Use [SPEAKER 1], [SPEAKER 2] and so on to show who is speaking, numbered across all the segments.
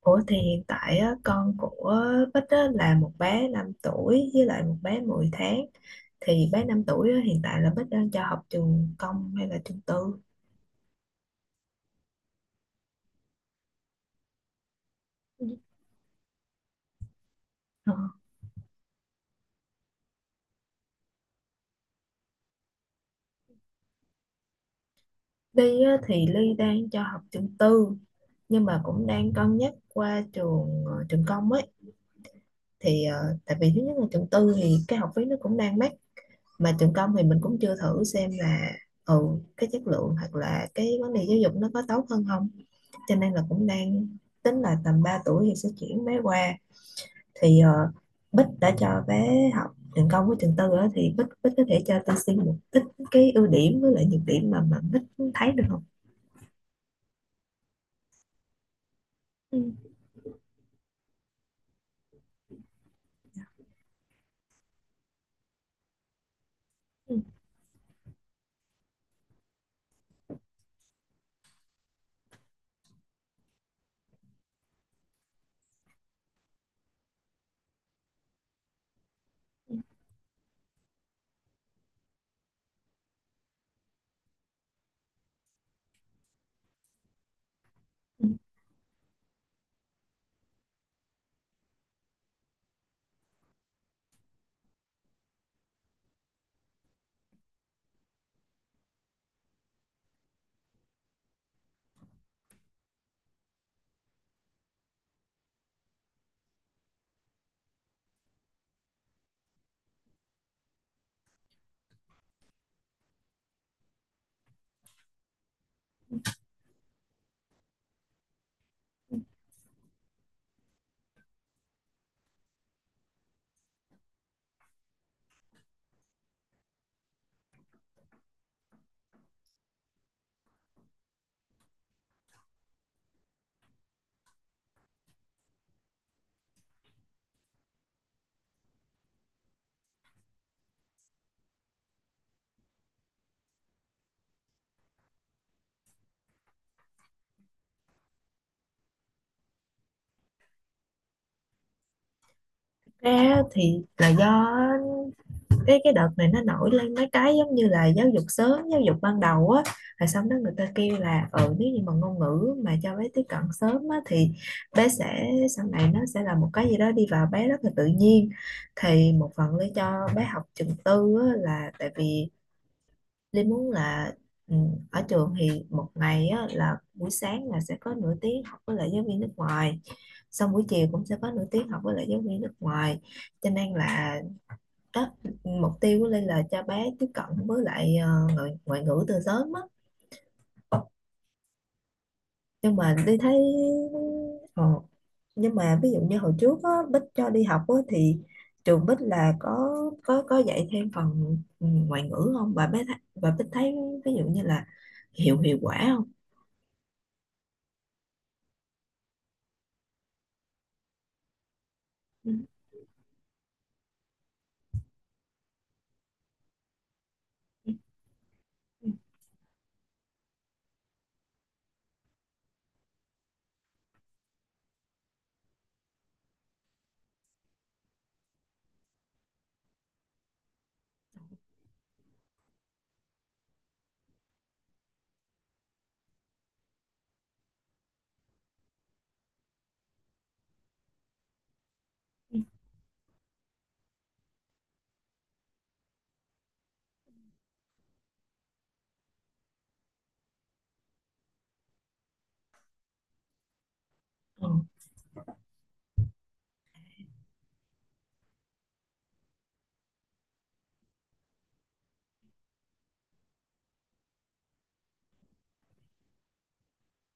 [SPEAKER 1] Ủa, thì hiện tại á, con của Bích á, là một bé 5 tuổi với lại một bé 10 tháng. Thì bé 5 tuổi á, hiện tại là Bích đang cho học trường công hay là trường tư? Ờ. Ly á, thì Ly đang cho học trường tư, nhưng mà cũng đang cân nhắc qua trường trường công ấy. Thì tại vì thứ nhất là trường tư thì cái học phí nó cũng đang mắc, mà trường công thì mình cũng chưa thử xem là ừ cái chất lượng hoặc là cái vấn đề giáo dục nó có tốt hơn không, cho nên là cũng đang tính là tầm 3 tuổi thì sẽ chuyển bé qua. Thì Bích đã cho bé học trường công với trường tư á, thì Bích Bích có thể cho tôi xin một ít cái ưu điểm với lại nhược điểm mà Bích thấy được không? Ừ, ừ, ừ, ừ. Ra thì là do cái đợt này nó nổi lên mấy cái giống như là giáo dục sớm, giáo dục ban đầu á. Rồi xong đó người ta kêu là nếu như mà ngôn ngữ mà cho bé tiếp cận sớm á thì bé sẽ, sau này nó sẽ là một cái gì đó đi vào bé rất là tự nhiên. Thì một phần Lý cho bé học trường tư á, là tại vì Lý muốn là ừ, ở trường thì một ngày á, là buổi sáng là sẽ có nửa tiếng học với lại giáo viên nước ngoài, xong buổi chiều cũng sẽ có nửa tiếng học với lại giáo viên nước ngoài, cho nên là đó, mục tiêu của Linh là cho bé tiếp cận với lại ngoại ngữ từ sớm á. Nhưng mà đi thấy ờ, nhưng mà ví dụ như hồi trước á, Bích cho đi học á, thì trường Bích là có dạy thêm phần ngoại ngữ không, và Bích thấy, ví dụ như là hiệu hiệu quả không? Ừ, ừ, ừ, ừ. Ờ,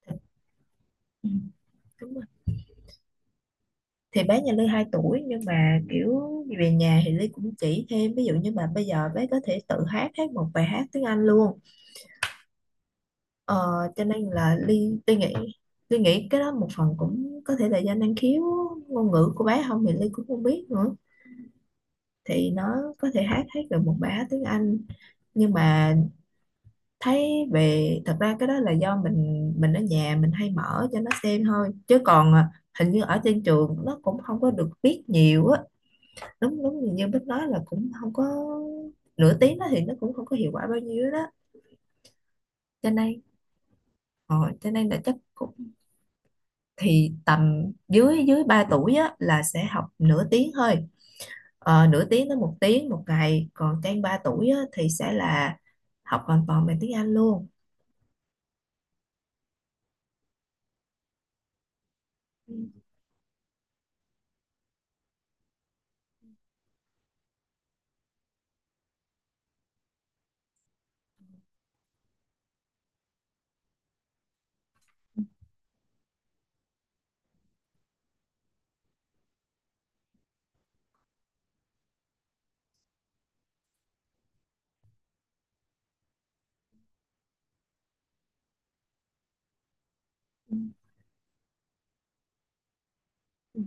[SPEAKER 1] thì- ừ, đúng rồi. Thì bé nhà Ly 2 tuổi, nhưng mà kiểu về nhà thì Ly cũng chỉ thêm, ví dụ như mà bây giờ bé có thể tự hát hát một bài hát tiếng Anh luôn. Ờ, cho nên là Ly Ly nghĩ cái đó một phần cũng có thể là do năng khiếu ngôn ngữ của bé không thì Ly cũng không biết nữa. Thì nó có thể hát hát được một bài hát tiếng Anh, nhưng mà thấy, về thật ra cái đó là do mình ở nhà mình hay mở cho nó xem thôi chứ còn à, hình như ở trên trường nó cũng không có được biết nhiều á. Đúng đúng như như Bích nói là cũng không có. Nửa tiếng đó thì nó cũng không có hiệu quả bao nhiêu đó, cho nên ờ, cho nên là chắc cũng, thì tầm dưới dưới 3 tuổi á, là sẽ học nửa tiếng thôi, nửa tiếng tới một tiếng một ngày, còn trên 3 tuổi á, thì sẽ là học hoàn toàn bằng tiếng Anh luôn. Ừ, ừ, ừ.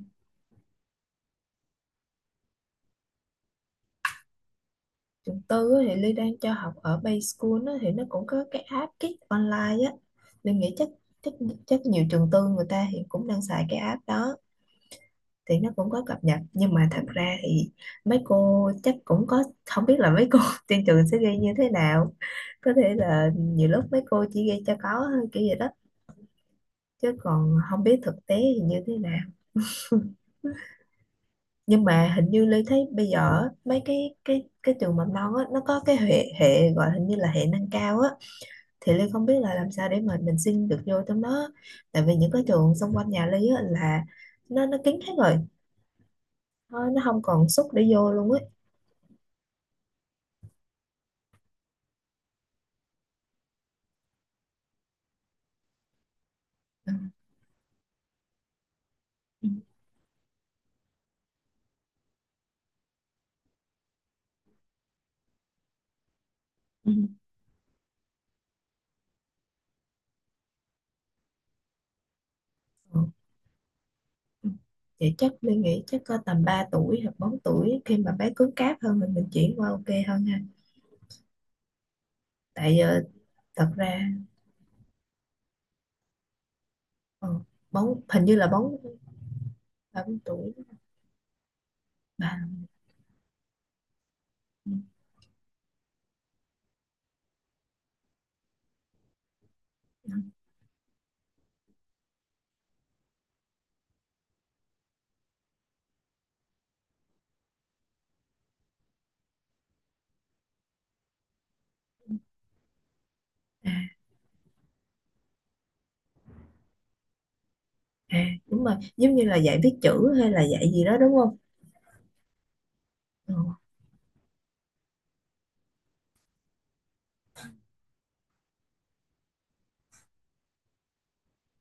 [SPEAKER 1] Trường tư á, thì Ly đang cho học ở Bay School á, thì nó cũng có cái app Kids Online á. Ly nghĩ chắc, chắc chắc nhiều trường tư người ta hiện cũng đang xài cái app đó. Thì nó cũng có cập nhật, nhưng mà thật ra thì mấy cô chắc cũng có, không biết là mấy cô trên trường sẽ ghi như thế nào. Có thể là nhiều lúc mấy cô chỉ ghi cho có thôi, kiểu vậy đó, chứ còn không biết thực tế thì như thế nào. Nhưng mà hình như Ly thấy bây giờ á, mấy cái trường mầm non á, nó có cái hệ hệ gọi hình như là hệ nâng cao á. Thì Ly không biết là làm sao để mà mình xin được vô trong đó, tại vì những cái trường xung quanh nhà Ly á, là nó kín hết rồi. Thôi, nó không còn suất để vô luôn ấy. Ừ. Ừ. Ừ. Vậy chắc Linh nghĩ chắc có tầm 3 tuổi hoặc 4 tuổi khi mà bé cứng cáp hơn, mình chuyển qua ok hơn ha. Tại giờ thật ra ừ, bóng hình như là bốn, ba bốn tuổi, ba. À, à đúng rồi, giống như là dạy viết chữ hay là dạy gì đó, đúng không?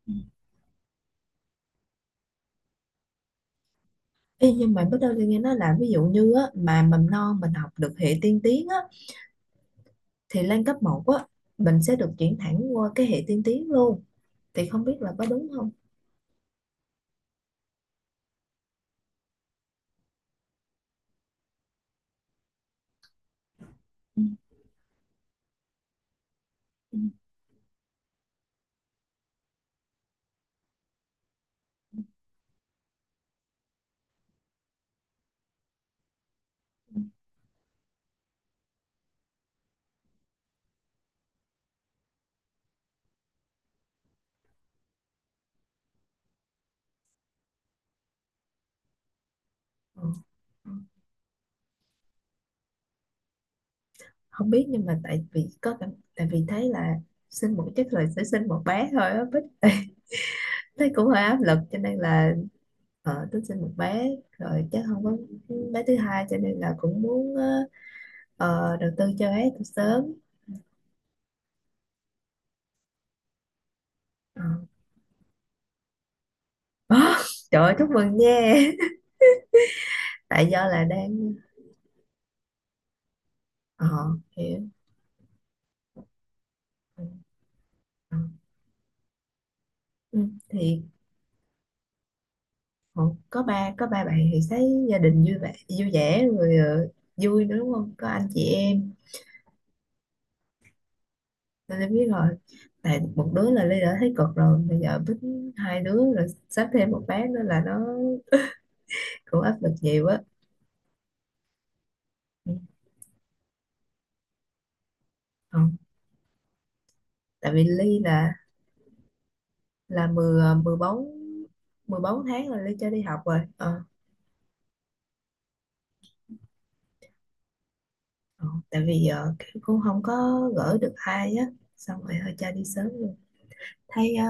[SPEAKER 1] Ừ. Ê, nhưng mà bắt đầu tôi nghe nói là ví dụ như á, mà mầm non mình học được hệ tiên tiến á, thì lên cấp một á, mình sẽ được chuyển thẳng qua cái hệ tiên tiến luôn, thì không biết là có đúng không? Ừ. Ừ. Ừ. Ừ. Không biết, nhưng mà tại vì thấy là sinh một chắc là sẽ sinh một bé thôi á, Bích. Thấy cũng hơi áp lực, cho nên là tôi sinh một bé rồi chắc không có bé thứ hai, cho nên là cũng muốn đầu tư cho bé từ sớm. Ờ. Trời ơi, chúc mừng nha. Tại do là đang ờ hiểu. Ừ, ừ. Ừ, thì ờ, có ba bạn thì thấy gia đình vui vẻ, vui vẻ rồi, vui nữa, đúng không, có anh chị em. Tôi đã biết rồi. Tại một đứa là Ly đã thấy cực rồi. Bây giờ bính 2 đứa rồi sắp thêm một bé nữa là nó cũng áp lực nhiều á. Ừ. Không. Tại vì Ly là mười, 14 tháng là Ly cho đi học rồi. Ờ, ờ. Tại vì kiểu cũng không có gửi được ai á. Xong rồi thôi cho đi sớm luôn. Thấy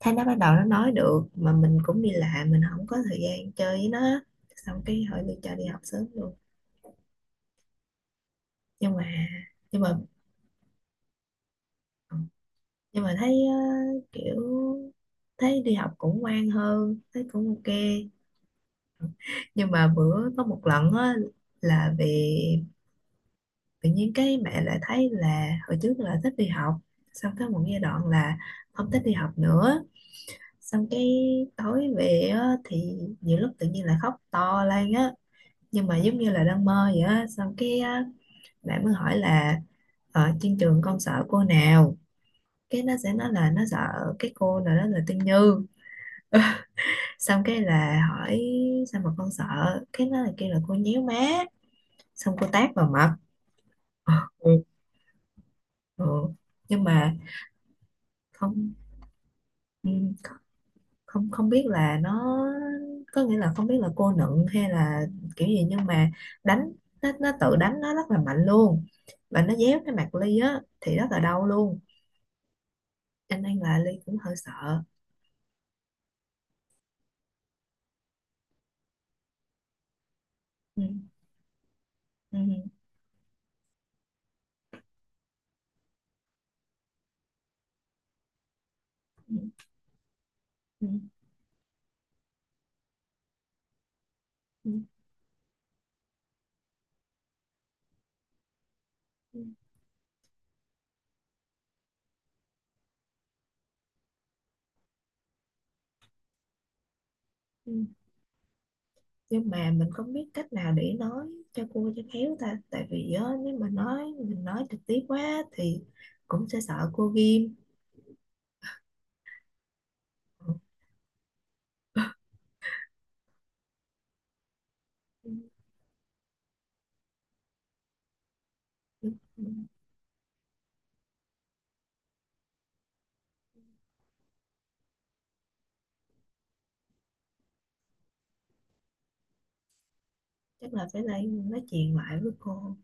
[SPEAKER 1] thấy nó bắt đầu nó nói được, mà mình cũng đi làm, mình không có thời gian chơi với nó á. Xong cái hỏi Ly cho đi học sớm luôn. Nhưng mà Nhưng mà ừ, nhưng mà thấy kiểu thấy đi học cũng ngoan hơn, thấy cũng ok. Nhưng mà bữa có một lần á, là vì tự nhiên cái mẹ lại thấy là hồi trước là thích đi học, xong tới một giai đoạn là không thích đi học nữa. Xong cái tối về á, thì nhiều lúc tự nhiên là khóc to lên á, nhưng mà giống như là đang mơ vậy á. Xong cái á, mẹ mới hỏi là ở trên trường con sợ cô nào, cái nó sẽ nói là nó sợ cái cô nào đó là Tiên Như. Xong cái là hỏi sao mà con sợ, cái nó là kêu là cô nhéo má, xong cô tát vào mặt. Ừ. Ừ. Nhưng mà không ừ, không không biết là nó, có nghĩa là không biết là cô nựng hay là kiểu gì, nhưng mà đánh, nó tự đánh nó rất là mạnh luôn, và nó déo cái mặt Ly á thì rất là đau luôn, cho nên là Ly cũng hơi sợ. Ừ. Ừ. Ừ. Ừ. Ừ. Ừ. Ừ, ừ. Nhưng mà mình không biết cách nào để nói cho cô cho khéo ta. Tại vì á, nếu mà nói, mình nói trực tiếp quá thì cũng sẽ sợ cô ghim. Ừ, ừ, ừ. Chắc là phải lại nói chuyện lại với cô.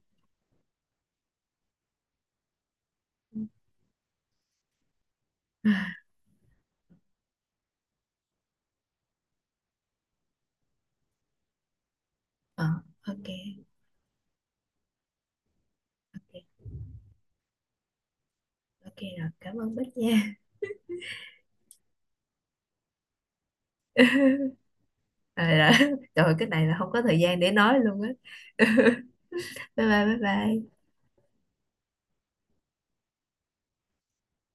[SPEAKER 1] ờ ok. Ok. Ok rồi, cảm ơn Bích nha. Rồi, rồi. Trời, cái này là không có thời gian để nói luôn á. Bye bye, bye bye.